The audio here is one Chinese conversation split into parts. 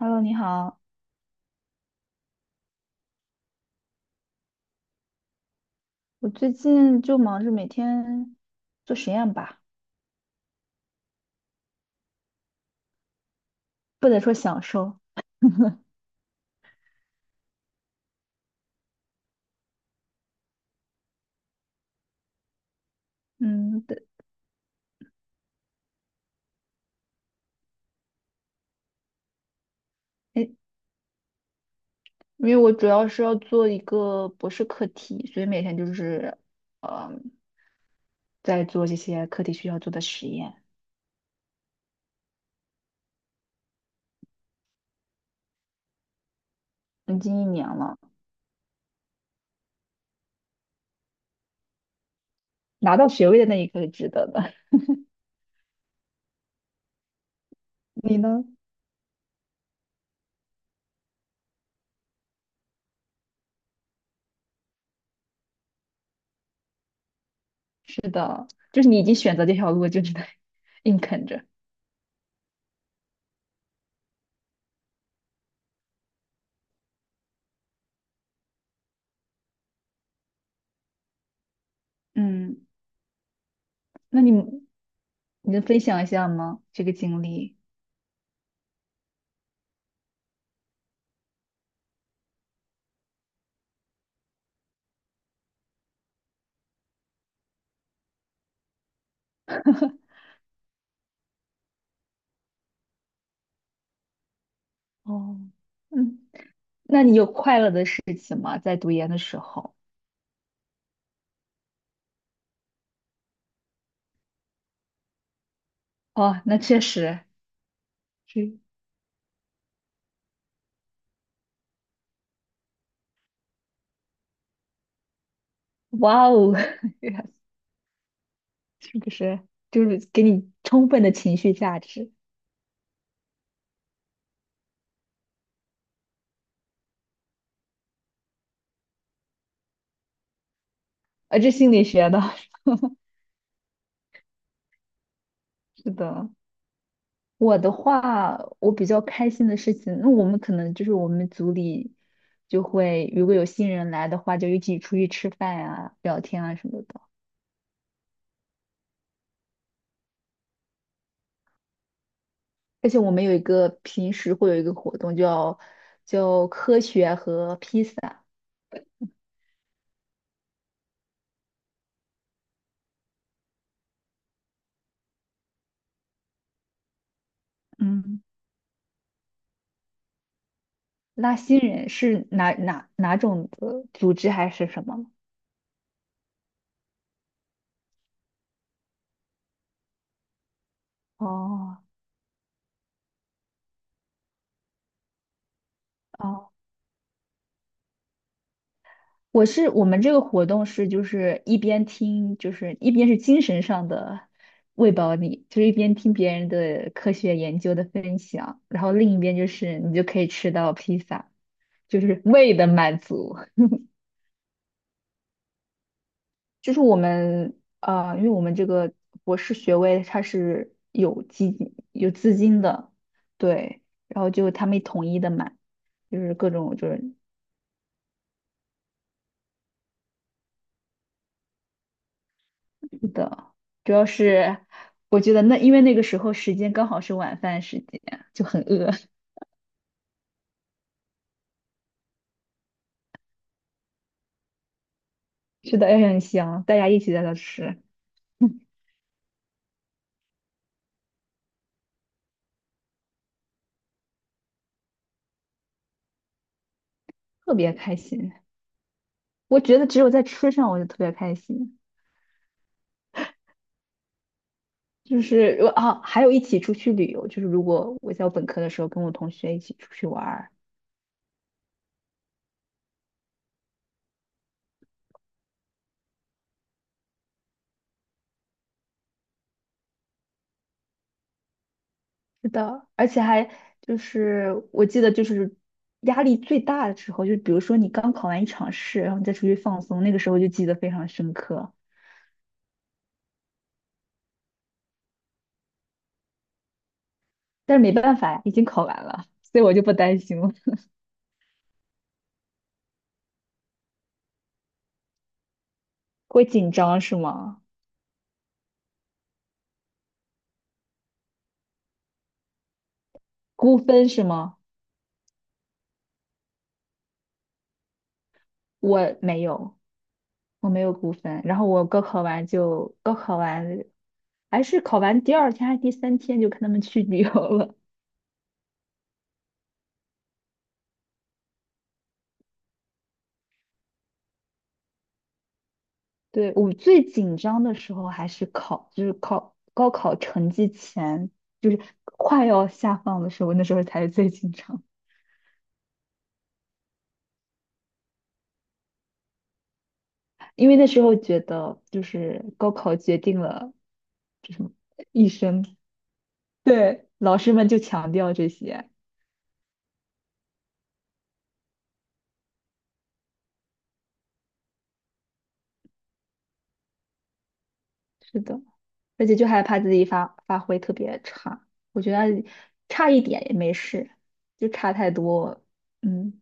Hello，你好，我最近就忙着每天做实验吧，不能说享受，嗯，对，诶因为我主要是要做一个博士课题，所以每天就是，呃，在做这些课题需要做的实验。已经一年了，拿到学位的那一刻是值得的。你呢？是的，就是你已经选择这条路，就只能 硬啃着。嗯，那你能分享一下吗？这个经历？哦，嗯。那你有快乐的事情吗？在读研的时候？哦，那确实是，哇哦，是不是？就是给你充分的情绪价值，啊，这心理学的，是的。我的话，我比较开心的事情，那我们可能就是我们组里就会，如果有新人来的话，就一起出去吃饭啊、聊天啊什么的。而且我们有一个平时会有一个活动叫叫科学和披萨，嗯。拉新人是哪种的组织还是什么吗？哦哦，我是我们这个活动是就是一边听，就是一边是精神上的喂饱你，就是一边听别人的科学研究的分享，然后另一边就是你就可以吃到披萨，就是胃的满足。就是我们啊，因为我们这个博士学位它是有基金有资金的，对，然后就他们统一的买，就是各种就是的，主要是我觉得那因为那个时候时间刚好是晚饭时间，就很饿，吃的也很香，大家一起在那吃，特别开心。我觉得只有在吃上我就特别开心，就是我啊，还有一起出去旅游，就是如果我在我本科的时候跟我同学一起出去玩是的，而且还就是我记得就是压力最大的时候，就比如说你刚考完一场试，然后你再出去放松，那个时候就记得非常深刻。但是没办法呀，已经考完了，所以我就不担心了。会紧张是吗？估分是吗？我没有，我没有估分。然后我高考完就高考完，还是考完第二天还是第三天就跟他们去旅游了。对，我最紧张的时候还是就是考高考成绩前，就是快要下放的时候，那时候才是最紧张，因为那时候觉得就是高考决定了，就什么一生，对，老师们就强调这些，是的，而且就害怕自己发挥特别差，我觉得差一点也没事，就差太多，嗯，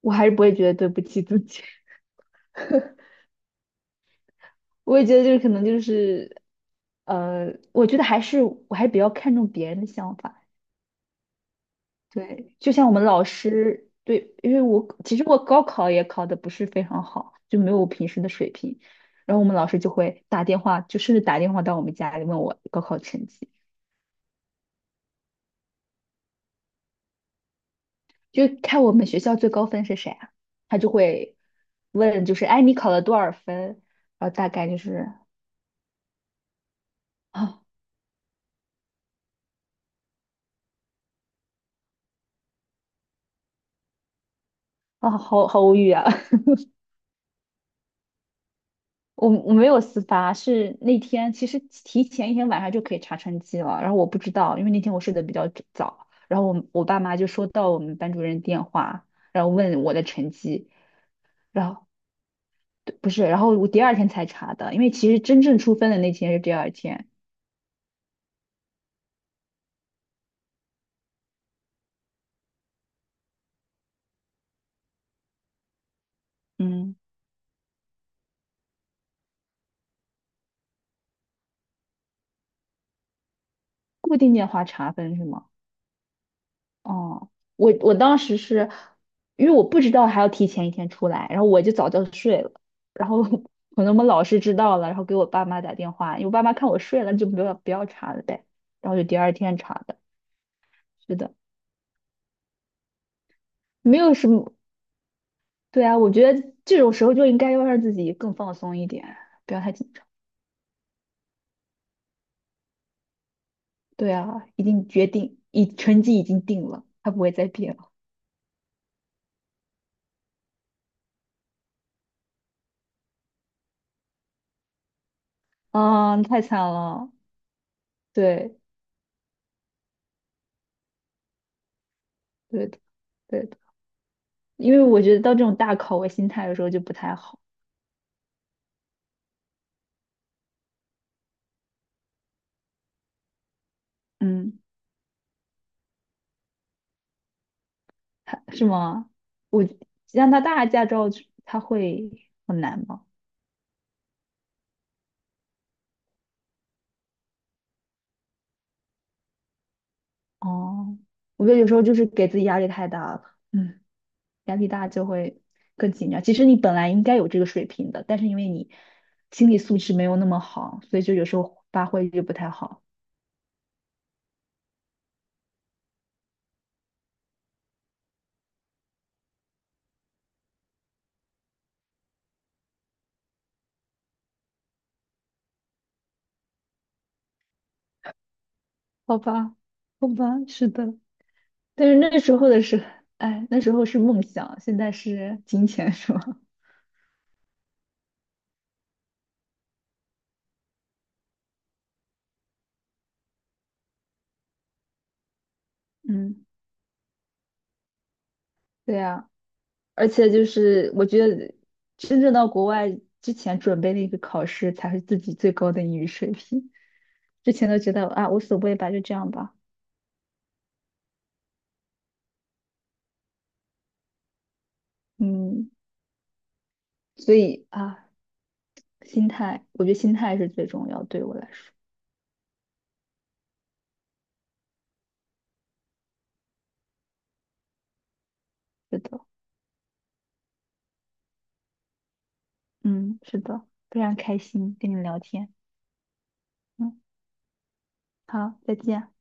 我还是不会觉得对不起自己。我也觉得就是可能就是，我觉得还是我还比较看重别人的想法。对，就像我们老师，对，因为我其实我高考也考的不是非常好，就没有我平时的水平。然后我们老师就会打电话，就甚至打电话到我们家里问我高考成绩，就看我们学校最高分是谁啊，他就会问，就是哎你考了多少分？然后大概就是啊啊好无语啊，我没有私发，是那天其实提前一天晚上就可以查成绩了，然后我不知道，因为那天我睡得比较早，然后我爸妈就收到我们班主任电话，然后问我的成绩，然后对不是，然后我第二天才查的，因为其实真正出分的那天是第二天，嗯，固定电话查分是吗？哦，我当时是因为我不知道还要提前一天出来，然后我就早就睡了，然后 可能我们老师知道了，然后给我爸妈打电话，因为我爸妈看我睡了就不要查了呗，然后就第二天查的，是的，没有什么，对啊，我觉得这种时候就应该要让自己更放松一点，不要太紧张。对啊，已经决定，已成绩已经定了，它不会再变了。啊，太惨了，对，对的，对的，因为我觉得到这种大考，我心态有时候就不太好。嗯，他是吗？我加拿大驾照他会很难吗？哦，我觉得有时候就是给自己压力太大了，嗯，压力大就会更紧张。其实你本来应该有这个水平的，但是因为你心理素质没有那么好，所以就有时候发挥就不太好。好吧，好吧，是的，但是那时候的是，哎，那时候是梦想，现在是金钱，是吗？嗯，对呀、而且就是我觉得真正到国外之前准备那个考试才是自己最高的英语水平，之前都觉得啊无所谓吧，就这样吧，嗯，所以啊心态，我觉得心态是最重要，对我来说，是的，嗯，是的，非常开心跟你聊天，嗯，好，再见。